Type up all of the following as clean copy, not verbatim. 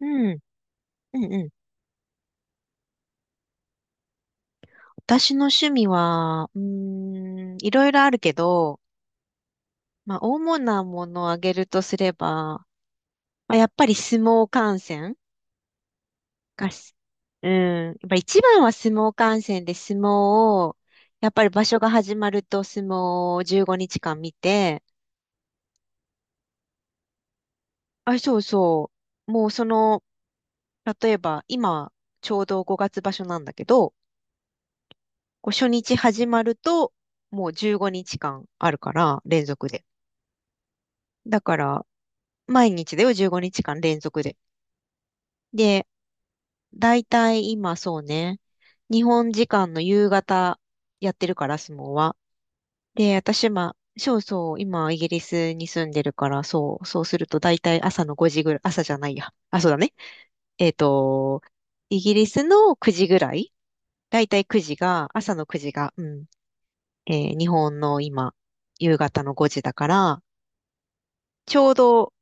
うん、うんうん。私の趣味は、いろいろあるけど、まあ、主なものを挙げるとすれば、まあ、やっぱり相撲観戦がし、うん、やっぱ一番は相撲観戦で相撲を、やっぱり場所が始まると相撲を15日間見て、あ、そうそう、もうその、例えば今、ちょうど5月場所なんだけど、こう初日始まると、もう15日間あるから、連続で。だから、毎日だよ、15日間連続で。で、だいたい今そうね、日本時間の夕方やってるから、相撲は。で、私、まあ、そうそう、今、イギリスに住んでるから、そう、そうすると、だいたい朝の5時ぐらい、朝じゃないや。あ、そうだね。えっと、イギリスの9時ぐらい、だいたい9時が、朝の9時が、うん、日本の今、夕方の5時だから、ちょうど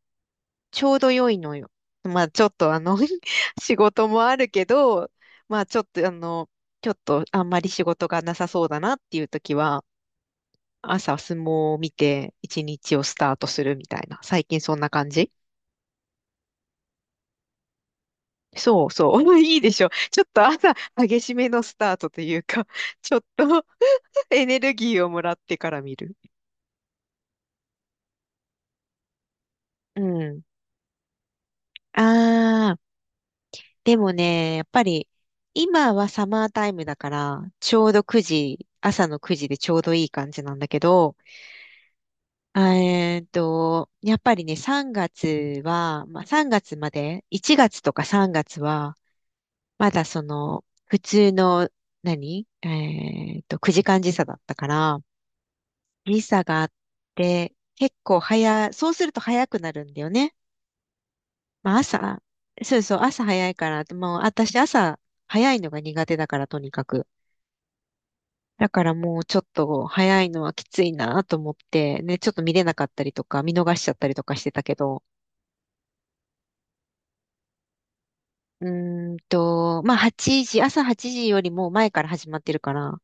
ちょうど良いのよ。まあちょっと仕事もあるけど、まあちょっとちょっとあんまり仕事がなさそうだなっていう時は、朝相撲を見て一日をスタートするみたいな。最近そんな感じ。そうそう。いいでしょ。ちょっと朝激しめのスタートというか、ちょっと エネルギーをもらってから見る。うん。ああ。でもね、やっぱり、今はサマータイムだから、ちょうど9時、朝の9時でちょうどいい感じなんだけど、やっぱりね、3月は、まあ、3月まで、1月とか3月は、まだその、普通の、何えーっと、9時間時差だったから、時差があって、結構早、そうすると早くなるんだよね。まあ、朝、そうそう、朝早いから、もう私朝早いのが苦手だから、とにかく。だからもうちょっと早いのはきついなと思って、ね、ちょっと見れなかったりとか、見逃しちゃったりとかしてたけど、うまあ8時、朝8時よりも前から始まってるから、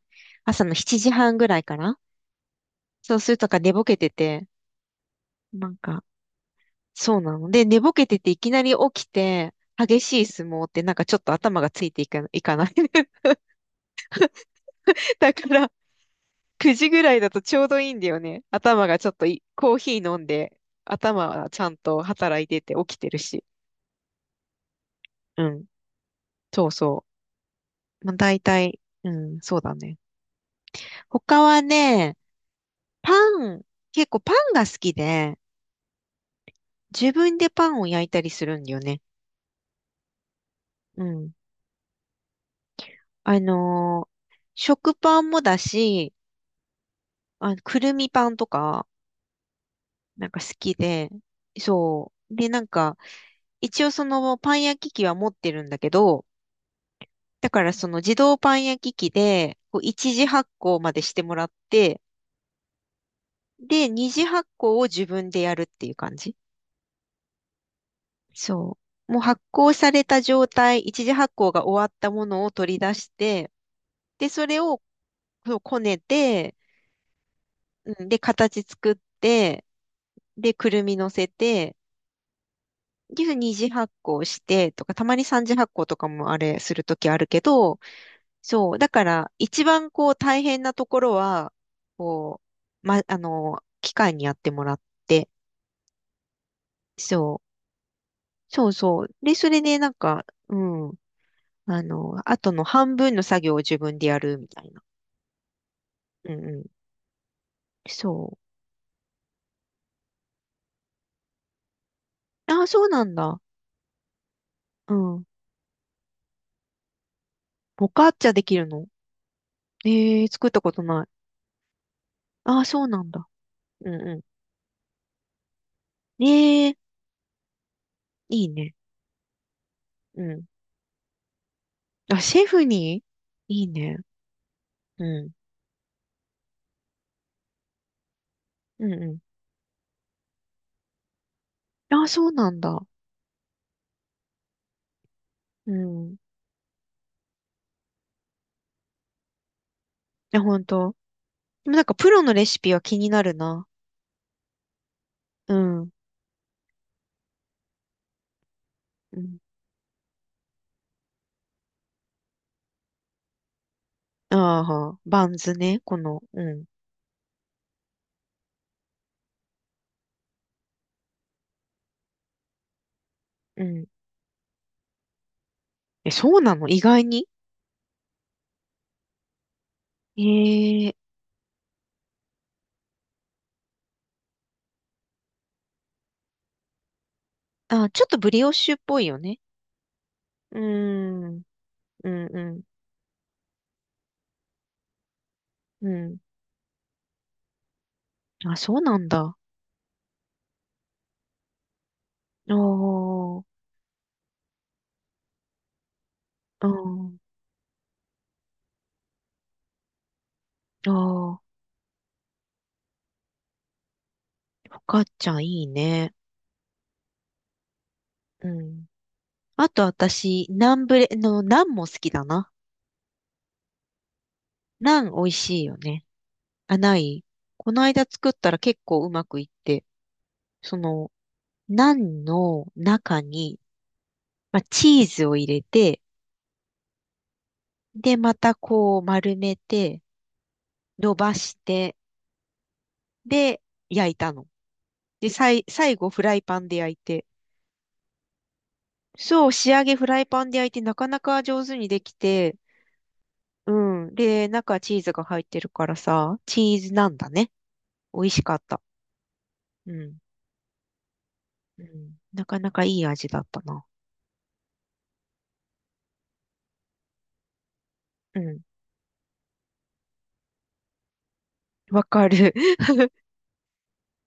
朝の7時半ぐらいかな。そうするとか寝ぼけてて、なんか、そうなの。で、寝ぼけてていきなり起きて、激しい相撲ってなんかちょっと頭がついていか、いかない。だから9時ぐらいだとちょうどいいんだよね。頭がちょっといコーヒー飲んで、頭はちゃんと働いてて起きてるし。うん。そうそう。まあ、大体、うん、そうだね。他はね、パン、結構パンが好きで、自分でパンを焼いたりするんだよね。うん。あのー食パンもだし、あ、くるみパンとか、なんか好きで、そう。で、なんか、一応そのパン焼き器は持ってるんだけど、だからその自動パン焼き器で、こう一次発酵までしてもらって、で、二次発酵を自分でやるっていう感じ。そう。もう発酵された状態、一次発酵が終わったものを取り出して、で、それをそうこねて、うんで、形作って、で、くるみ乗せて、で、二次発酵してとか、たまに三次発酵とかもあれするときあるけど、そう、だから、一番こう大変なところは、こう、ま、機械にやってもらって、そう、そうそう。で、それでなんか、うんあとの半分の作業を自分でやるみたいな。うんうん。そう。ああ、そうなんだ。うん。ボカッチャできるの？ええ、作ったことない。ああ、そうなんだ。うんうん。ええ、いいね。うん。あ、シェフに。いいね。うん。うんうん。ああ、そうなんだ。うん。いや、ほんと。でもなんかプロのレシピは気になるな。うん。うん。ああ、バンズね。この。うん。うん。え、そうなの？意外に。ええ、あ、ちょっとブリオッシュっぽいよね。うーん、うん、うん、うん。あ、そうなんだ。あーあー、あー、フォカッチャいいね。うん。あと私、ナンブレ、の、ナンも好きだな。ナン美味しいよね。あ、ない。この間作ったら結構うまくいって、その、ナンの中に、まあ、チーズを入れて、で、またこう丸めて、伸ばして、で、焼いたの。で、最後フライパンで焼いて。そう、仕上げフライパンで焼いてなかなか上手にできて、うん。で、中チーズが入ってるからさ、チーズなんだね。美味しかった。うん。うん。なかなかいい味だったな。うん。わかる。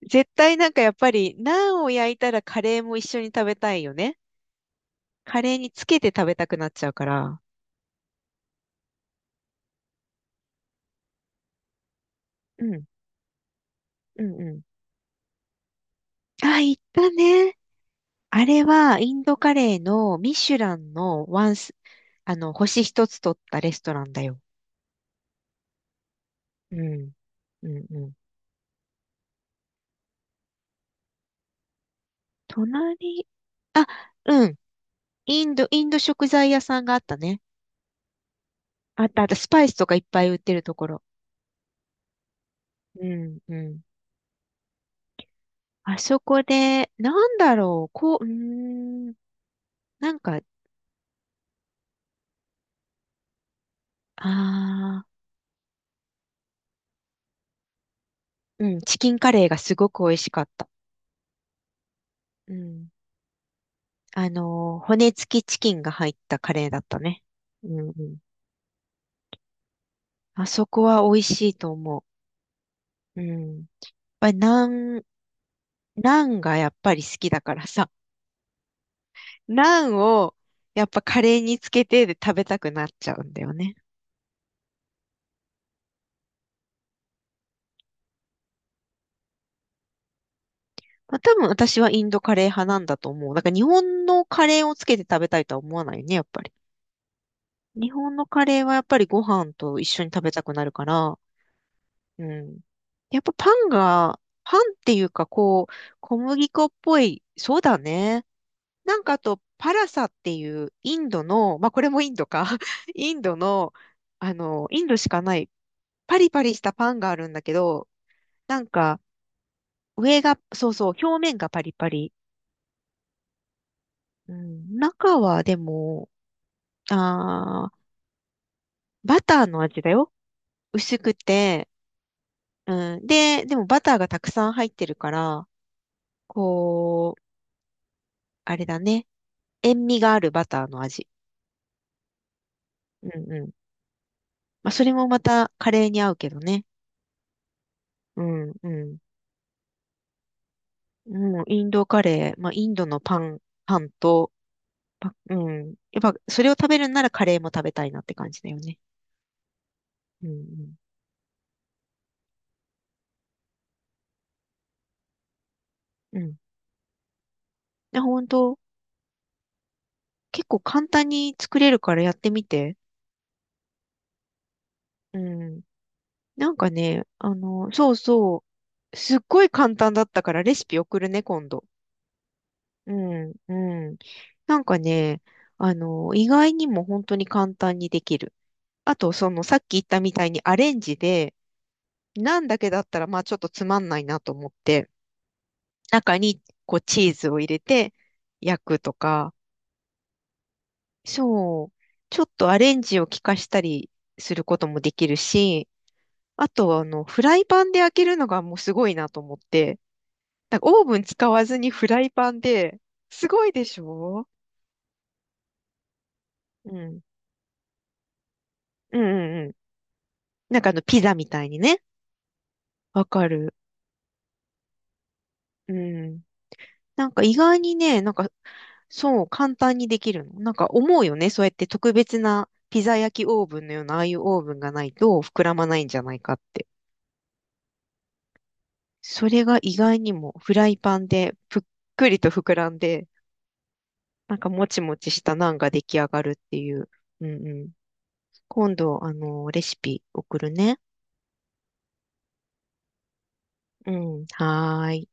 絶対なんかやっぱり、ナンを焼いたらカレーも一緒に食べたいよね。カレーにつけて食べたくなっちゃうから。うん。うんうん。あ、行ったね。あれは、インドカレーのミシュランのワンス、あの、星一つ取ったレストランだよ。うん。うんうん。隣、あ、うん。インド食材屋さんがあったね。あったあった。スパイスとかいっぱい売ってるところ。うんうん。あそこで、なんだろう。こう、ん。なんか、ああ、うん。チキンカレーがすごく美味しかった。うん。骨付きチキンが入ったカレーだったね。うんうん。あそこは美味しいと思う。うん。やっぱりナンがやっぱり好きだからさ、ナンをやっぱカレーにつけてで食べたくなっちゃうんだよね。まあ、多分私はインドカレー派なんだと思う。だから日本のカレーをつけて食べたいとは思わないよね、やっぱり。日本のカレーはやっぱりご飯と一緒に食べたくなるから、うん。やっぱパンっていうかこう、小麦粉っぽい、そうだね。なんかあと、パラサっていうインドの、まあこれもインドか、インドの、インドしかないパリパリしたパンがあるんだけど、なんかそうそう、表面がパリパリ。うん、中はでも、あー、バターの味だよ。薄くて、うん、で、でもバターがたくさん入ってるから、こう、あれだね。塩味があるバターの味。うんうん。まあそれもまたカレーに合うけどね。うんうん。もうインドカレー、まあ、インドのパン、パンと、うん。やっぱ、それを食べるんならカレーも食べたいなって感じだよね。うん、うん。うん。で、本当結構簡単に作れるからやってみて。うん。なんかね、そうそう。すっごい簡単だったからレシピ送るね、今度。うん、うん。なんかね、意外にも本当に簡単にできる。あと、その、さっき言ったみたいにアレンジで、なんだけだったら、まあちょっとつまんないなと思って、中にこうチーズを入れて焼くとか、そう、ちょっとアレンジを効かしたりすることもできるし、あとはフライパンで焼けるのがもうすごいなと思って、なんかオーブン使わずにフライパンで、すごいでしょ。うん。うんうんうん。なんかピザみたいにね。わかる。うん。なんか意外にね、なんかそう、簡単にできるの。なんか思うよね。そうやって特別なピザ焼きオーブンのような、ああいうオーブンがないと膨らまないんじゃないかって。それが意外にもフライパンでぷっくりと膨らんで、なんかもちもちしたナンが出来上がるっていう。うんうん。今度、レシピ送るね。うん。はーい。